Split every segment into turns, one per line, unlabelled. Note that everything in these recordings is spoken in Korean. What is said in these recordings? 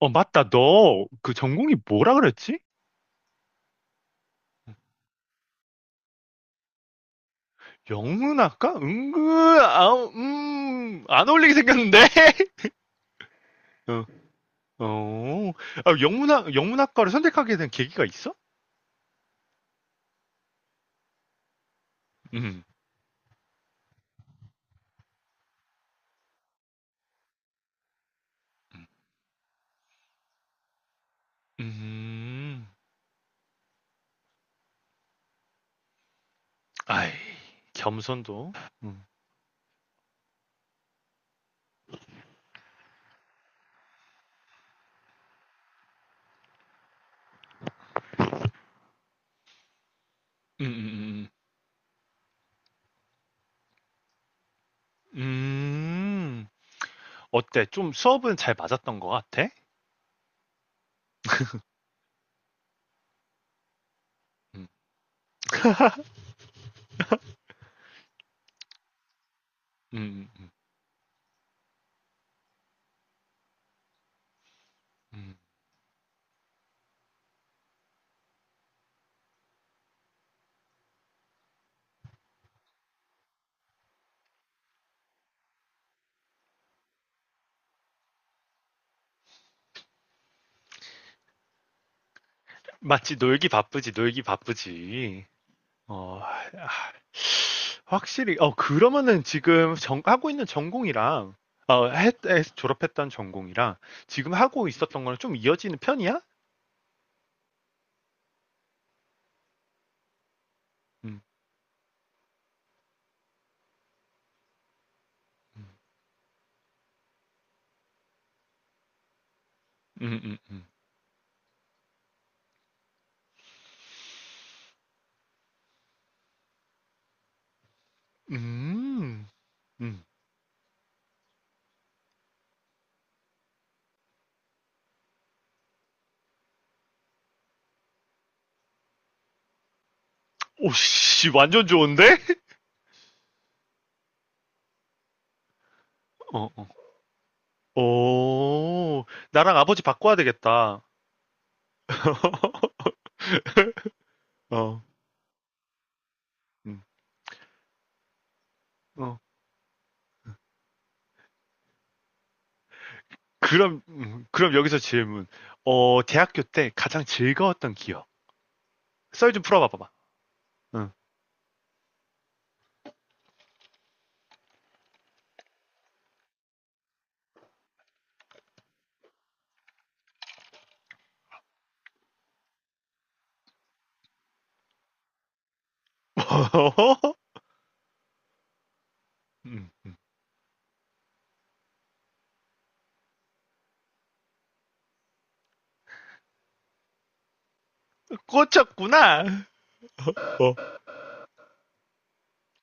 어, 맞다. 너 그 전공이 뭐라 그랬지? 영문학과? 은근, 아, 안 어울리게 생겼는데? 어, 어. 아, 영문학과를 선택하게 된 계기가 있어? 음, 음, 아이, 겸손도. 음, 음, 음, 음. 음. 음. 어때? 좀 수업은 잘 맞았던 것 같아? 음, 음, 음, 음. 맞지, 놀기 바쁘지, 놀기 바쁘지. 어, 확실히, 어, 그러면은 지금 하고 있는 전공이랑, 어, 졸업했던 전공이랑 지금 하고 있었던 거랑 좀 이어지는 편이야? 음, 음, 음, 음. 음, 음. 오씨, 완전 좋은데? 어, 어. 오, 나랑 아버지 바꿔야 되겠다. 어, 음, 어. 그럼, 그럼 여기서 질문. 어, 대학교 때 가장 즐거웠던 기억. 썰 좀 풀어봐봐봐. 응. 음, 꽂혔구나. 어,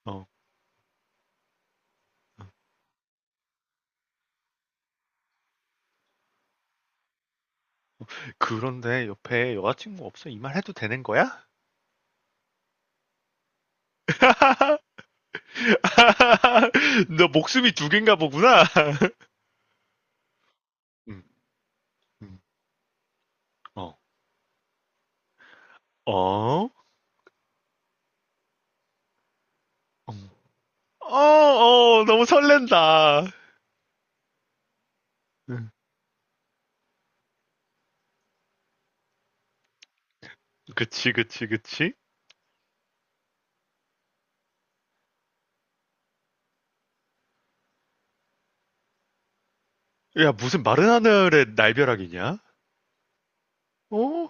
어. 그런데 옆에 여자친구 없어? 이 말 해도 되는 거야? 너 목숨이 두 개인가 보구나. 음, 음, 어, 어, 음. 어, 어, 너무 설렌다. 음, 그치, 그치, 그치. 야, 무슨 마른 하늘에 날벼락이냐? 어,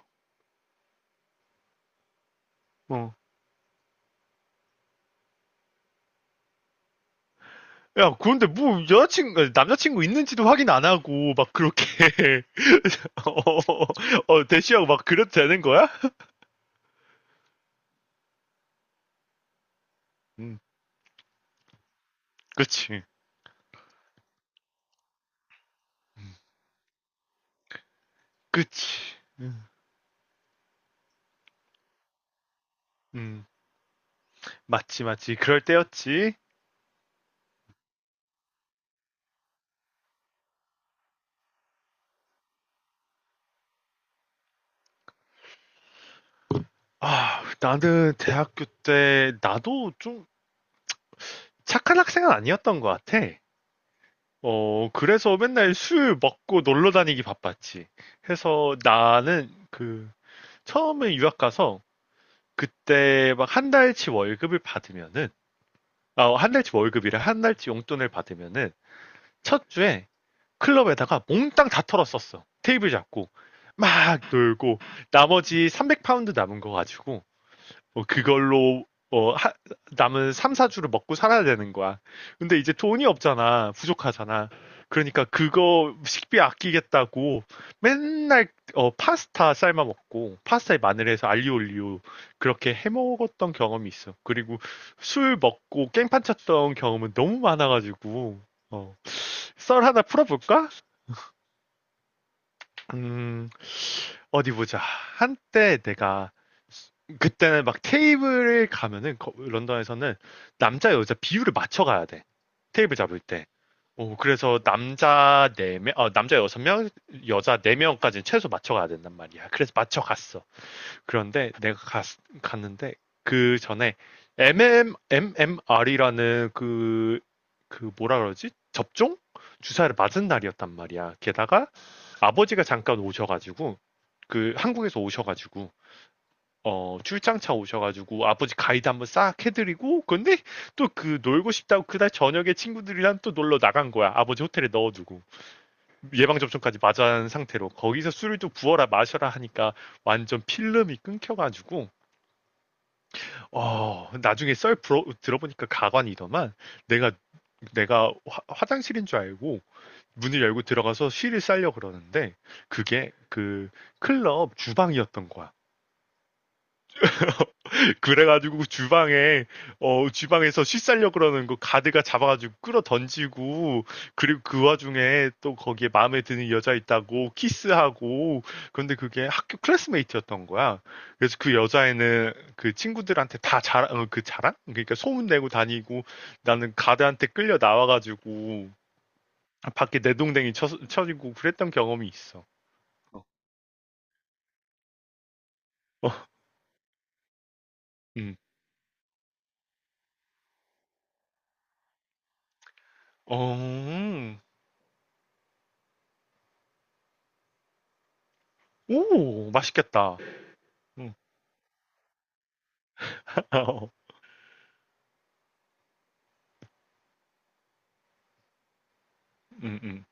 어. 야, 그런데 뭐 여자친구, 남자친구 있는지도 확인 안 하고 막 그렇게 어, 어, 어, 대시하고 막 그래도 되는 거야? 음, 그치, 그치. 음, 음, 맞지, 맞지. 그럴 때였지. 아, 나는 대학교 때 나도 좀 착한 학생은 아니었던 것 같아. 어, 그래서 맨날 술 먹고 놀러 다니기 바빴지. 해서 나는 그 처음에 유학 가서 그때 막 한 달치 월급을 받으면은 아, 한 달치 월급이라 한 달치 용돈을 받으면은 첫 주에 클럽에다가 몽땅 다 털었었어. 테이블 잡고 막 놀고 나머지 300파운드 남은 거 가지고 어, 그걸로 어, 하- 남은 3, 4주를 먹고 살아야 되는 거야. 근데 이제 돈이 없잖아. 부족하잖아. 그러니까 그거 식비 아끼겠다고 맨날 어, 파스타 삶아 먹고 파스타에 마늘해서 알리올리오 그렇게 해 먹었던 경험이 있어. 그리고 술 먹고 깽판 쳤던 경험은 너무 많아가지고 어, 썰 하나 풀어볼까? 음, 어디 보자. 한때 내가 그때는 막 테이블을 가면은 런던에서는 남자 여자 비율을 맞춰 가야 돼. 테이블 잡을 때. 오 그래서 남자 네명 어, 남자 여섯 명 여자 네명까지 최소 맞춰 가야 된단 말이야. 그래서 맞춰 갔어. 그런데 내가 갔는데 그 전에 MM, MMR이라는 그, 그 뭐라 그러지? 접종? 주사를 맞은 날이었단 말이야. 게다가 아버지가 잠깐 오셔가지고, 그 한국에서 오셔가지고, 어, 출장차 오셔가지고 아버지 가이드 한번 싹 해드리고, 근데 또 그 놀고 싶다고 그날 저녁에 친구들이랑 또 놀러 나간 거야. 아버지 호텔에 넣어두고. 예방접종까지 맞은 상태로. 거기서 술을 또 부어라 마셔라 하니까 완전 필름이 끊겨가지고, 어, 나중에 들어보니까 가관이더만 내가, 내가 화장실인 줄 알고 문을 열고 들어가서 쉬를 쌀려 그러는데, 그게 그 클럽 주방이었던 거야. 그래가지고 주방에 어 주방에서 씻살려 그러는 거 가드가 잡아가지고 끌어 던지고 그리고 그 와중에 또 거기에 마음에 드는 여자 있다고 키스하고 그런데 그게 학교 클래스메이트였던 거야. 그래서 그 여자애는 그 친구들한테 다 자랑 어, 그 자랑 그러니까 소문 내고 다니고 나는 가드한테 끌려 나와가지고 밖에 내동댕이 쳐지고 그랬던 경험이 있어. 어. 어, 음. 어, 오, 맛있겠다. 음. 어, 음, 음.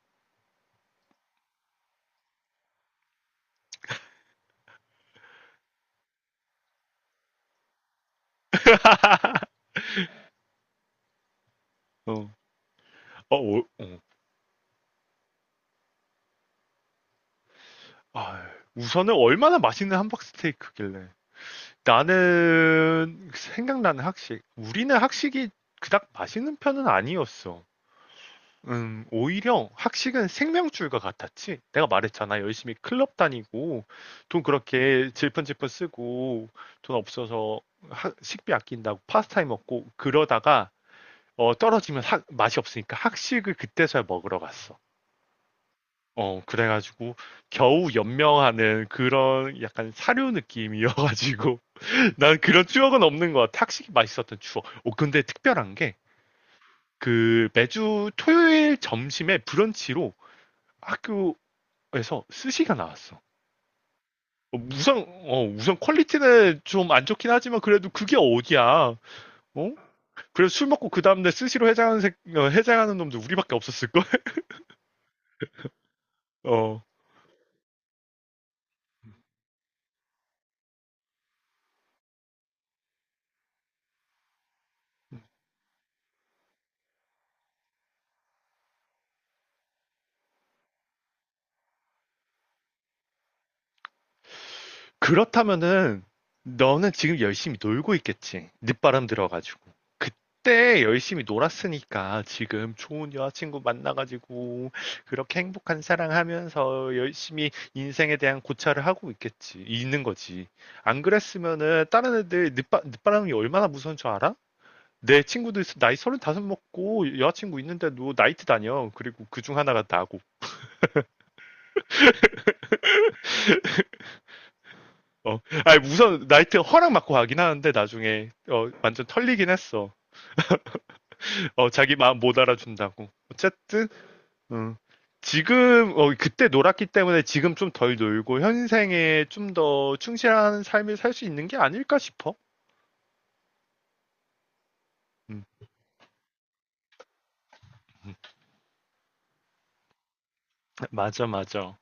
어, 어, 어, 어. 아, 우선은 얼마나 맛있는 함박 스테이크길래. 나는 생각나는 학식. 우리는 학식이 그닥 맛있는 편은 아니었어. 오히려 학식은 생명줄과 같았지. 내가 말했잖아. 열심히 클럽 다니고, 돈 그렇게 질펀질펀 쓰고, 돈 없어서 식비 아낀다고 파스타에 먹고, 그러다가, 어, 떨어지면 맛이 없으니까 학식을 그때서야 먹으러 갔어. 어, 그래가지고 겨우 연명하는 그런 약간 사료 느낌이어가지고 난 그런 추억은 없는 것 같아. 확실히 맛있었던 추억. 오, 근데 특별한 게 그 매주 토요일 점심에 브런치로 학교에서 스시가 나왔어. 어, 우선, 어, 우선 퀄리티는 좀 안 좋긴 하지만 그래도 그게 어디야. 어? 그래서 술 먹고 그 다음날 스시로 해장하는, 어, 해장하는 놈들 우리밖에 없었을걸? 어. 그렇다면은 너는 지금 열심히 놀고 있겠지. 늦바람 들어가지고. 그때 열심히 놀았으니까 지금 좋은 여자친구 만나가지고 그렇게 행복한 사랑하면서 열심히 인생에 대한 고찰을 하고 있겠지. 있는 거지. 안 그랬으면은 다른 애들 늦바람이 얼마나 무서운 줄 알아? 내 친구도 있어. 나이 다섯 먹고 여자친구 있는데도 나이트 다녀. 그리고 그 중 하나가 나고. 어, 아니 우선 나이트 허락 맞고 가긴 하는데 나중에 어, 완전 털리긴 했어. 어, 자기 마음 못 알아준다고. 어쨌든, 어. 지금, 어, 그때 놀았기 때문에 지금 좀 덜 놀고 현생에 좀 더 충실한 삶을 살 수 있는 게 아닐까 싶어. 음, 맞아, 맞아.